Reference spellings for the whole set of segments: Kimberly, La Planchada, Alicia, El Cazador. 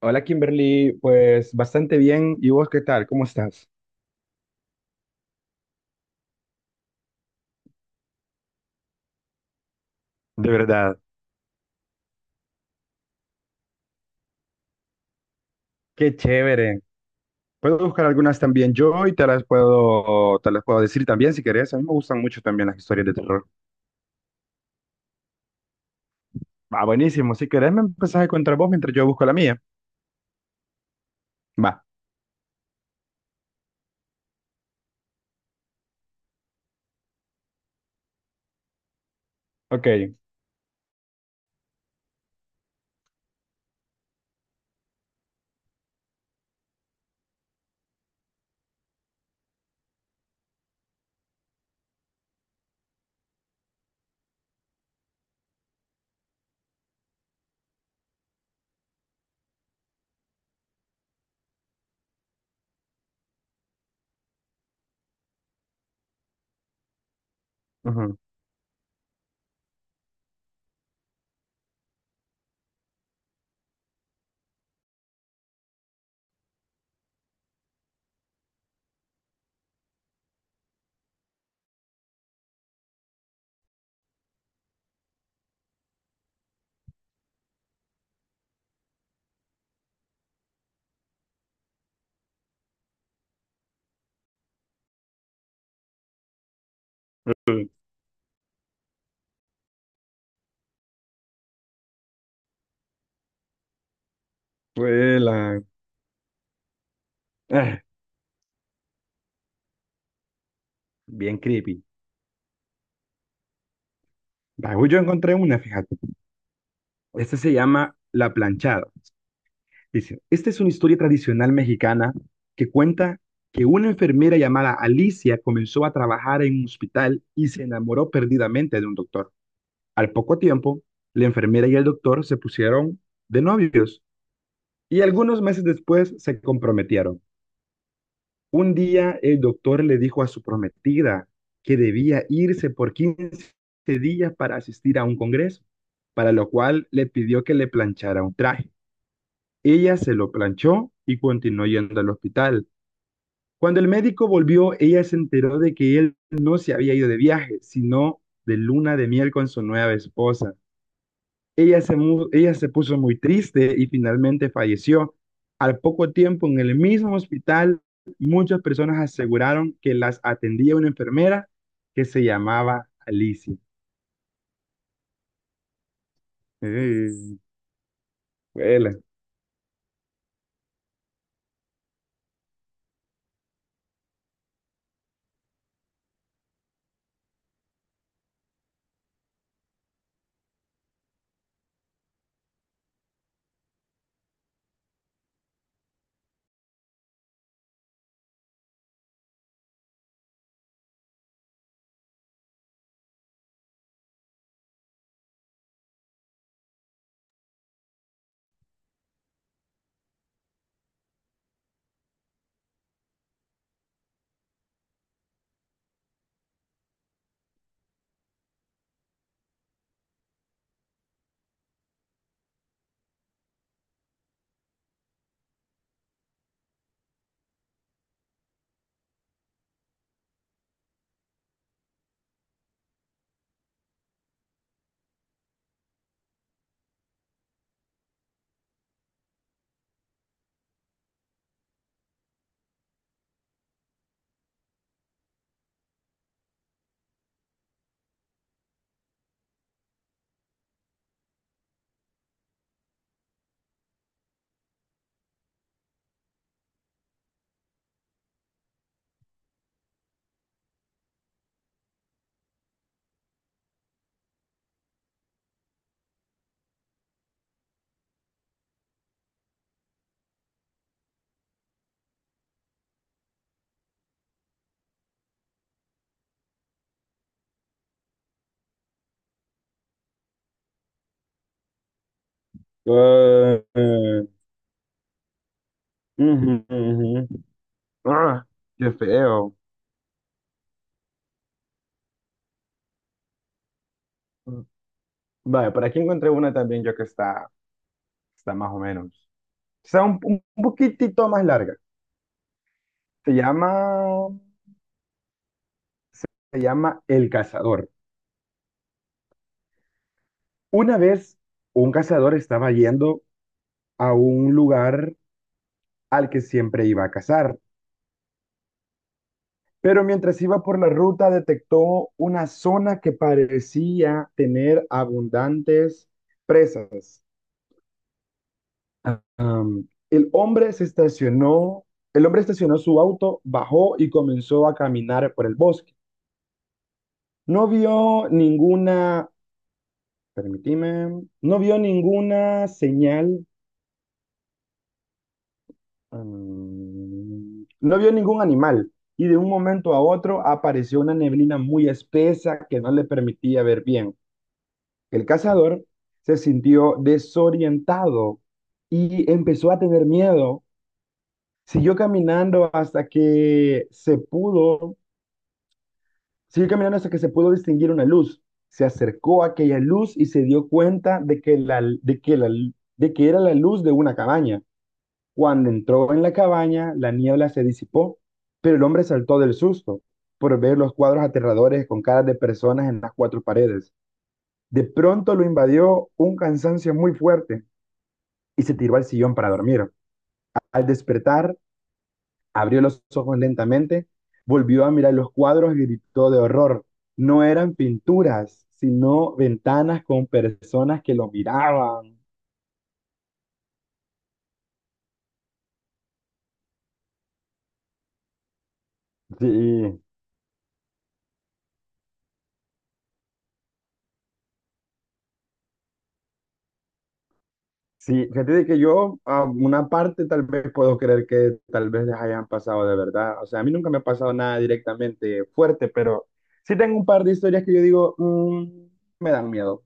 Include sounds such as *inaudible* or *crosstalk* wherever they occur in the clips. Hola Kimberly, pues bastante bien. ¿Y vos qué tal? ¿Cómo estás? De verdad, qué chévere. Puedo buscar algunas también yo y te las puedo decir también si querés. A mí me gustan mucho también las historias de terror. Ah, buenísimo. Si querés me empezás a contar vos mientras yo busco la mía. Va. Ok. Ujú. Fue la- Ah, bien creepy. Va, yo encontré una, fíjate. Esta se llama La Planchada. Dice, esta es una historia tradicional mexicana que cuenta que una enfermera llamada Alicia comenzó a trabajar en un hospital y se enamoró perdidamente de un doctor. Al poco tiempo, la enfermera y el doctor se pusieron de novios y algunos meses después se comprometieron. Un día el doctor le dijo a su prometida que debía irse por 15 días para asistir a un congreso, para lo cual le pidió que le planchara un traje. Ella se lo planchó y continuó yendo al hospital. Cuando el médico volvió, ella se enteró de que él no se había ido de viaje, sino de luna de miel con su nueva esposa. Ella se puso muy triste y finalmente falleció. Al poco tiempo, en el mismo hospital, muchas personas aseguraron que las atendía una enfermera que se llamaba Alicia. Eh, huela. Ah, eh, ujú, ujú. Ah, qué feo. Vale, por aquí encontré una también yo que está, está más o menos. O sea, un poquitito más larga. Se llama, se llama El Cazador. Una vez un cazador estaba yendo a un lugar al que siempre iba a cazar, pero mientras iba por la ruta detectó una zona que parecía tener abundantes presas. El hombre se estacionó, el hombre estacionó su auto, bajó y comenzó a caminar por el bosque. No vio ninguna, permíteme, no vio ninguna señal, no vio ningún animal y de un momento a otro apareció una neblina muy espesa que no le permitía ver bien. El cazador se sintió desorientado y empezó a tener miedo. Siguió caminando hasta que se pudo Siguió caminando hasta que se pudo distinguir una luz. Se acercó a aquella luz y se dio cuenta de que era la luz de una cabaña. Cuando entró en la cabaña, la niebla se disipó, pero el hombre saltó del susto por ver los cuadros aterradores con caras de personas en las cuatro paredes. De pronto lo invadió un cansancio muy fuerte y se tiró al sillón para dormir. Al despertar, abrió los ojos lentamente, volvió a mirar los cuadros y gritó de horror. No eran pinturas, sino ventanas con personas que lo miraban. Sí, sí, fíjate de que yo a una parte tal vez puedo creer que tal vez les hayan pasado de verdad. O sea, a mí nunca me ha pasado nada directamente fuerte, pero sí tengo un par de historias que yo digo, "Mm, me dan miedo".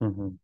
Ujú.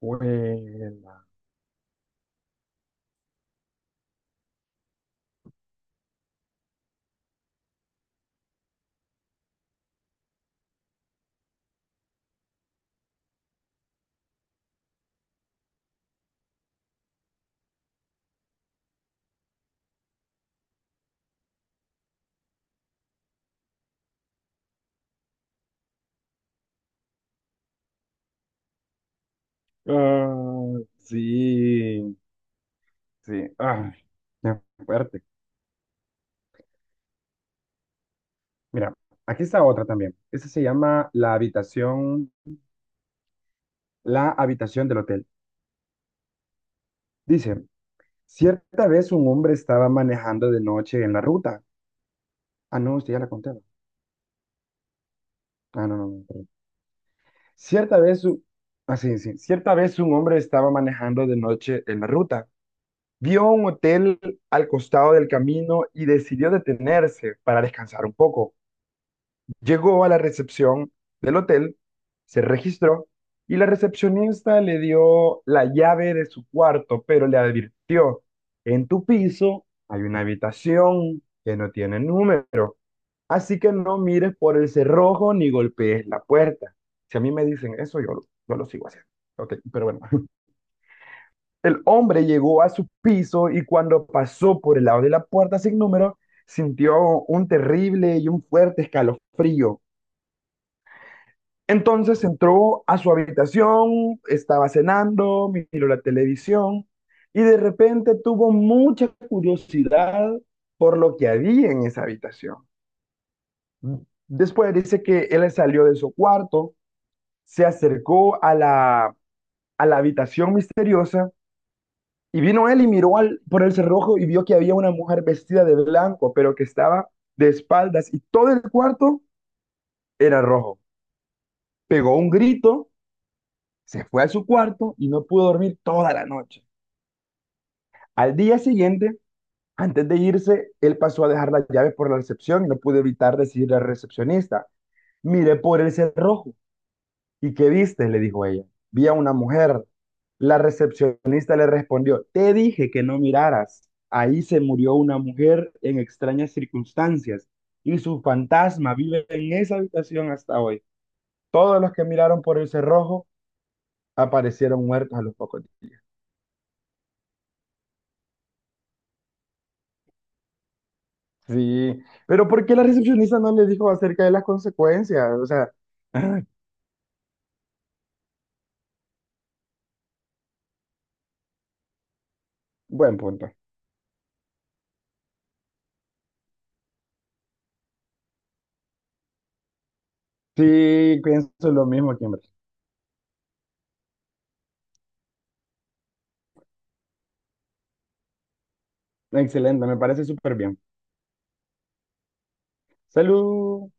Huela. Ah, sí, sí. Ay, qué fuerte. Mira, aquí está otra también. Esta se llama la habitación del hotel. Dice, cierta vez un hombre estaba manejando de noche en la ruta. Ah, no, usted ya la contaba. Ah, no, no, no, perdón. Cierta vez, u- ah, sí, sí. Cierta vez un hombre estaba manejando de noche en la ruta. Vio un hotel al costado del camino y decidió detenerse para descansar un poco. Llegó a la recepción del hotel, se registró y la recepcionista le dio la llave de su cuarto, pero le advirtió, en tu piso hay una habitación que no tiene número, así que no mires por el cerrojo ni golpees la puerta. Si a mí me dicen eso, yo, yo lo sigo haciendo. Ok, pero bueno. *laughs* El hombre llegó a su piso y cuando pasó por el lado de la puerta sin número, sintió un terrible y un fuerte escalofrío. Entonces entró a su habitación, estaba cenando, miró la televisión y de repente tuvo mucha curiosidad por lo que había en esa habitación. Después dice que él salió de su cuarto, se acercó a la habitación misteriosa y vino él y miró por el cerrojo y vio que había una mujer vestida de blanco, pero que estaba de espaldas y todo el cuarto era rojo. Pegó un grito. Se fue a su cuarto y no pudo dormir toda la noche. Al día siguiente, antes de irse, él pasó a dejar las llaves por la recepción y no pudo evitar decirle al recepcionista, miré por el cerrojo. ¿Y qué viste?, le dijo ella. Vi a una mujer. La recepcionista le respondió, te dije que no miraras. Ahí se murió una mujer en extrañas circunstancias y su fantasma vive en esa habitación hasta hoy. Todos los que miraron por el cerrojo aparecieron muertos a los pocos días. Sí, pero ¿por qué la recepcionista no le dijo acerca de las consecuencias? O sea, ah, buen punto. Sí, pienso lo mismo aquí, hombre. Excelente, me parece súper bien. Salud.